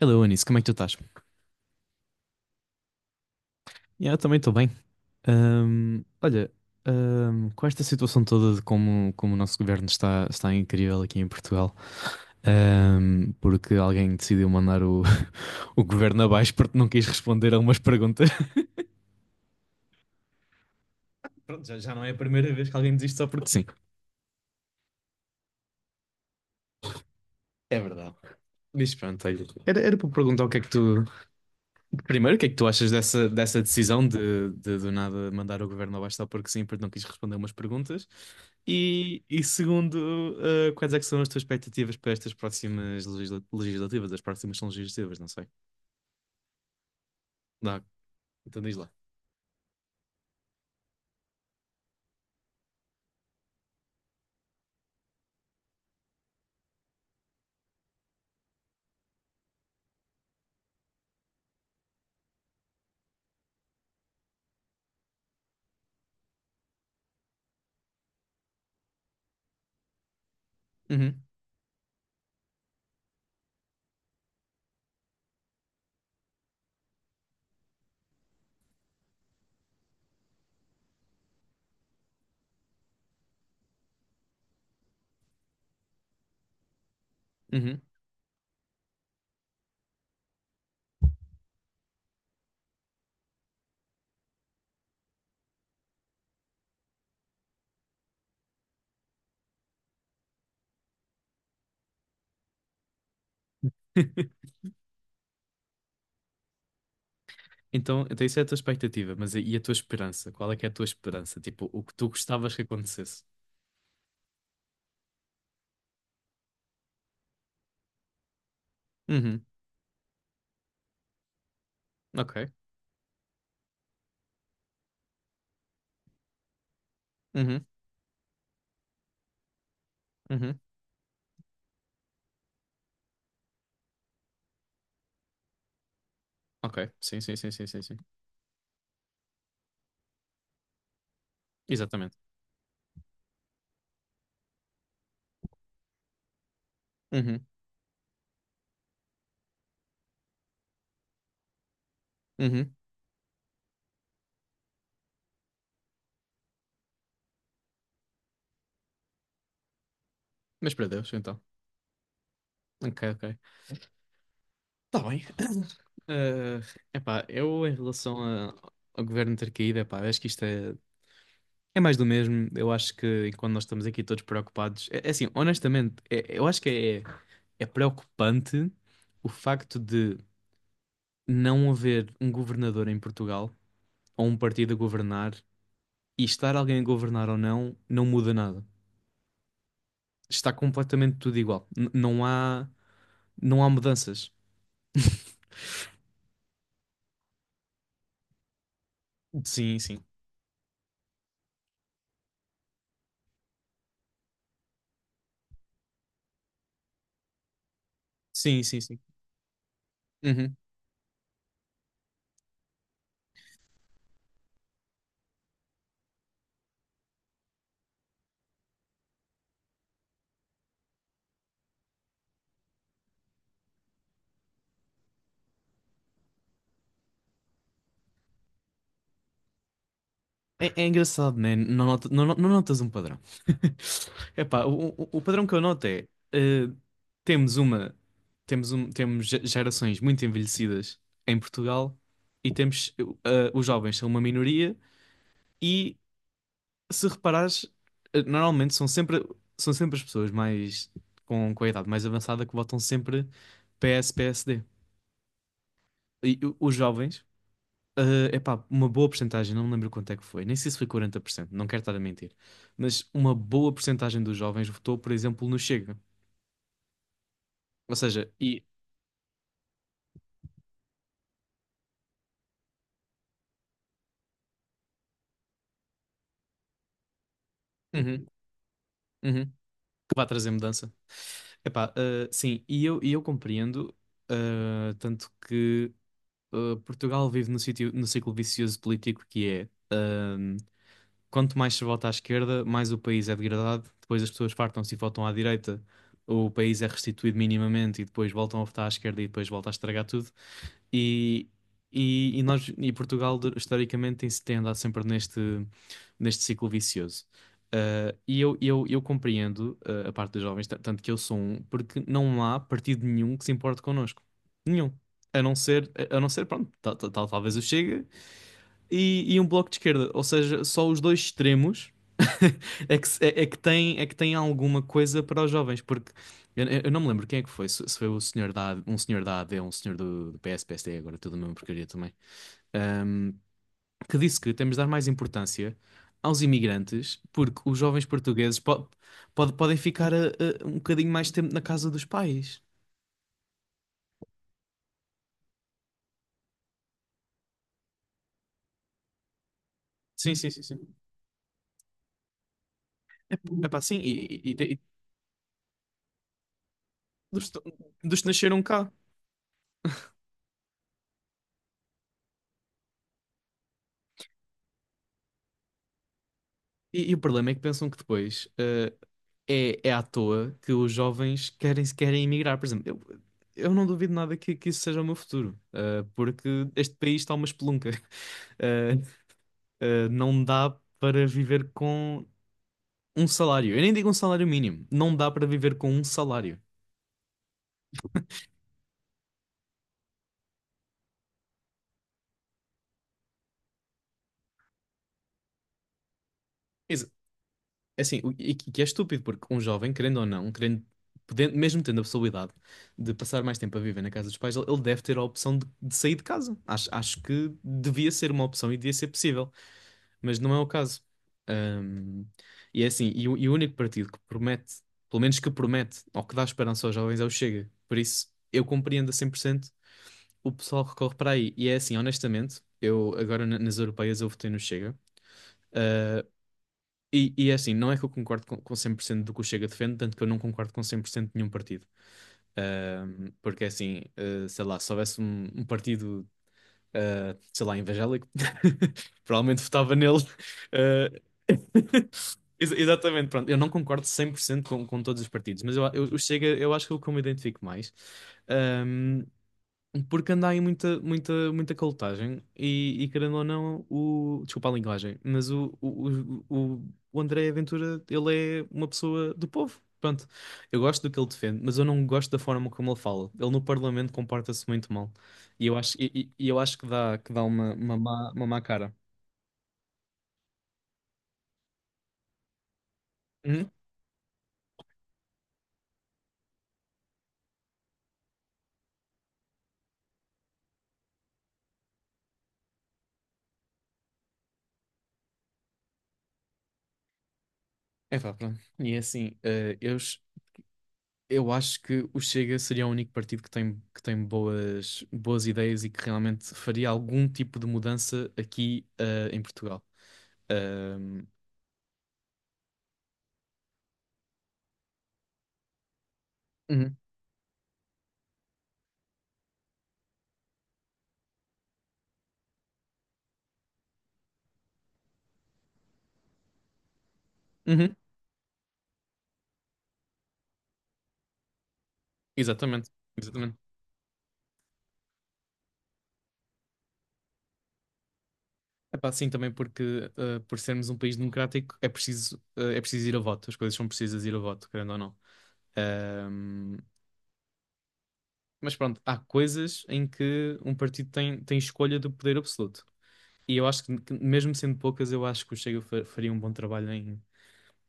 Hello, Anis, como é que tu estás? Yeah, eu também estou bem. Olha, com esta situação toda de como o nosso governo está incrível aqui em Portugal, porque alguém decidiu mandar o governo abaixo porque não quis responder a algumas perguntas. Pronto, já não é a primeira vez que alguém diz isto só porque sim. É verdade. Mas pronto, olha, era para perguntar o que é que tu, primeiro, o que é que tu achas dessa decisão de do nada mandar o governo abaixo só porque sim, porque não quis responder umas perguntas? E segundo, quais é que são as tuas expectativas para estas próximas legislativas? As próximas são legislativas, não sei. Dá, então diz lá. Uhum, uhum. Então isso é a tua expectativa, mas e a tua esperança? Qual é que é a tua esperança? Tipo, o que tu gostavas que acontecesse? Uhum, ok. Uhum, uhum. Ok, sim, sim, sim, sim, sim, sim. Exatamente. Uhum, uhum. Mas para Deus, então. Ok, ok. Tá bem. Eh, epá, eu em relação ao governo ter caído, epá, acho que isto é mais do mesmo. Eu acho que enquanto nós estamos aqui todos preocupados, é assim, honestamente, eu acho que é preocupante o facto de não haver um governador em Portugal ou um partido a governar, e estar alguém a governar ou não, não muda nada. Está completamente tudo igual. Não há mudanças. Sim, sim. Sim, sim, sim. Uhum. É engraçado, né? Não, não notas um padrão. Epá, o padrão que eu noto é temos uma temos gerações muito envelhecidas em Portugal e temos os jovens são uma minoria, e se reparares, normalmente são sempre as pessoas mais com a idade mais avançada que votam sempre PS, PSD. Os jovens é epá, uma boa porcentagem, não me lembro quanto é que foi, nem sei se foi 40%, não quero estar a mentir, mas uma boa porcentagem dos jovens votou, por exemplo, no Chega. Ou seja, uhum, uhum, que vai trazer mudança. Epá, sim, e eu compreendo, tanto que Portugal vive no ciclo vicioso político que é. Quanto mais se vota à esquerda, mais o país é degradado. Depois as pessoas fartam-se e votam à direita, o país é restituído minimamente e depois voltam a votar à esquerda e depois volta a estragar tudo. E, e nós e Portugal historicamente tem andado sempre neste ciclo vicioso. E eu compreendo, a parte dos jovens, tanto que eu sou um, porque não há partido nenhum que se importe connosco. Nenhum. A não ser, pronto, talvez o Chega, e um bloco de esquerda, ou seja, só os dois extremos é que, se- é que tem alguma coisa para os jovens, porque eu não me lembro quem é que foi, se foi o senhor AD, um senhor da AD, um senhor do, PS, PSD, agora tudo a mesma porcaria também, ahm, que disse que temos de dar mais importância aos imigrantes, porque os jovens portugueses podem ficar um bocadinho mais tempo na casa dos pais. Sim, sim, sim, sim. É é pá, sim, e dos, dos que nasceram cá. E o problema é que pensam que depois. É à toa que os jovens querem emigrar. Por exemplo, eu não duvido nada que isso seja o meu futuro, porque este país está uma espelunca. Ah, não dá para viver com um salário. Eu nem digo um salário mínimo. Não dá para viver com um salário. Isso, assim, e que é estúpido, porque um jovem, querendo ou não, querendo, podendo, mesmo tendo a possibilidade de passar mais tempo a viver na casa dos pais, ele deve ter a opção de sair de casa. Acho que devia ser uma opção e devia ser possível, mas não é o caso. Ahm, e é assim, e o único partido que promete, pelo menos que promete, ou que dá esperança aos jovens, é o Chega. Por isso, eu compreendo a 100% o pessoal que recorre para aí. E é assim, honestamente, eu agora nas europeias eu votei no Chega. E é assim, não é que eu concordo com 100% do que o Chega defende, tanto que eu não concordo com 100% de nenhum partido. Porque é assim, sei lá, se houvesse um partido sei lá, evangélico, provavelmente votava nele. eh, Exatamente, pronto. Eu não concordo 100% com todos os partidos, mas o Chega, eu acho que é o que eu me identifico mais. Porque anda aí muita, muita, muita calotagem, e querendo ou não, desculpa a linguagem, mas o André Ventura, ele é uma pessoa do povo. Pronto, eu gosto do que ele defende, mas eu não gosto da forma como ele fala. Ele no Parlamento comporta-se muito mal. E eu acho que que dá uma má cara. Uhum. Epá, pronto. E é assim, eu acho que o Chega seria o único partido que tem, boas, boas ideias e que realmente faria algum tipo de mudança aqui em Portugal. Ahm, uhum, uhum, exatamente, exatamente. Epá, sim, também porque por sermos um país democrático é preciso, é preciso ir a voto, as coisas são precisas ir a voto, querendo ou não. Ahm, mas pronto, há coisas em que um partido tem, tem escolha do poder absoluto. E eu acho que mesmo sendo poucas, eu acho que o Chega faria um bom trabalho em,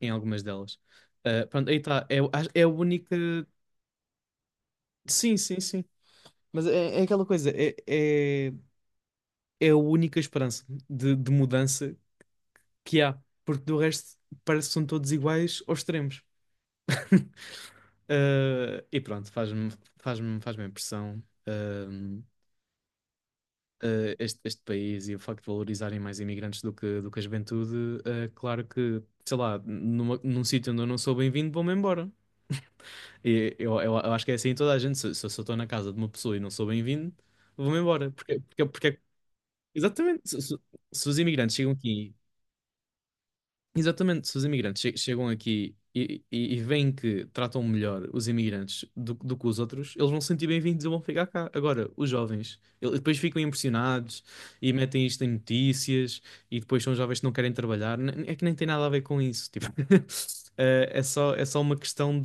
em algumas delas. Ah, pronto, aí está. É a única. Sim, sim, sim. Mas é aquela coisa, é, é a única esperança de mudança que há, porque do resto parece que são todos iguais aos extremos. Ah, e pronto, faz-me impressão, este, este país e o facto de valorizarem mais imigrantes do que a juventude. Claro que, sei lá, num sítio onde eu não sou bem-vindo, vou-me embora. E eu acho que é assim em toda a gente. Se eu estou na casa de uma pessoa e não sou bem-vindo, vou-me embora. Exatamente, se os imigrantes chegam aqui, exatamente, se os imigrantes chegam aqui e, e veem que tratam melhor os imigrantes do que os outros, eles vão se sentir bem-vindos e vão ficar cá. Agora, os jovens, eles depois ficam impressionados e metem isto em notícias, e depois são jovens que não querem trabalhar. É que nem tem nada a ver com isso. Tipo, é só uma questão,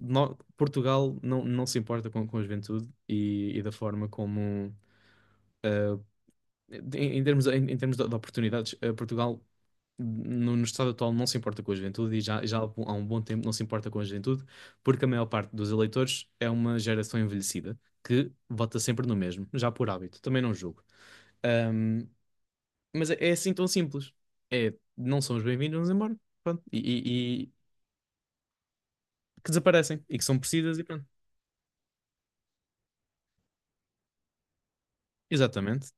Portugal não se importa com a juventude, e da forma como, ah, em termos, em termos de oportunidades, Portugal no estado atual não se importa com a juventude, e já há há um bom tempo não se importa com a juventude, porque a maior parte dos eleitores é uma geração envelhecida que vota sempre no mesmo, já por hábito, também não julgo. Ahm, mas é assim tão simples. É, não são os bem-vindos, vamos embora. Pronto. Que desaparecem e que são precisas e pronto. Exatamente.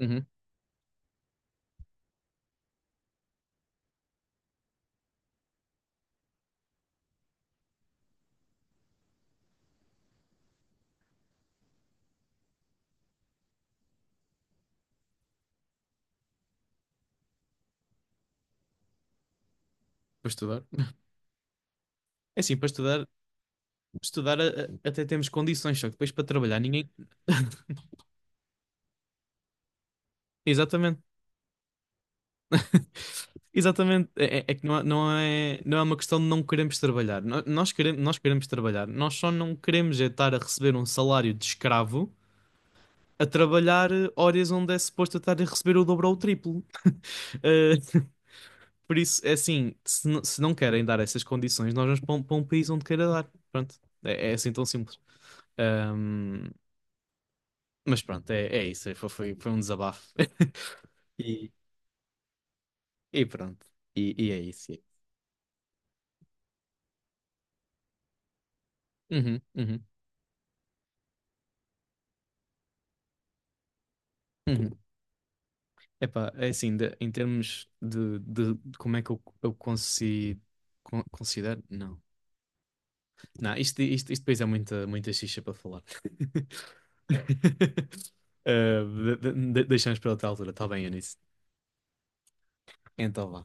Uhum. Para estudar. É assim, para estudar, estudar até temos condições, só que depois para trabalhar ninguém. Exatamente. Exatamente. É que não, é, não é uma questão de não queremos trabalhar. Nós queremos trabalhar. Nós só não queremos é estar a receber um salário de escravo a trabalhar horas onde é suposto eu estar a receber o dobro ou o triplo. Eh, por isso, é assim, se não querem dar essas condições, nós vamos para um país onde queira dar. Pronto. É, é assim tão simples. Ahm, mas pronto, é, é isso. Foi um desabafo. E- E pronto. E é isso. Uhum, uhum, uhum. Epá, é assim, em termos de como é que eu considero. Não. Não, isto depois é muita, muita xixa para falar. Deixamos para outra altura, está bem, Eunice? Então vá.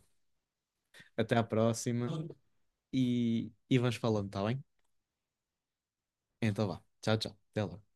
Até à próxima, e vamos falando, está bem? Então vá. Tchau, tchau. Até logo.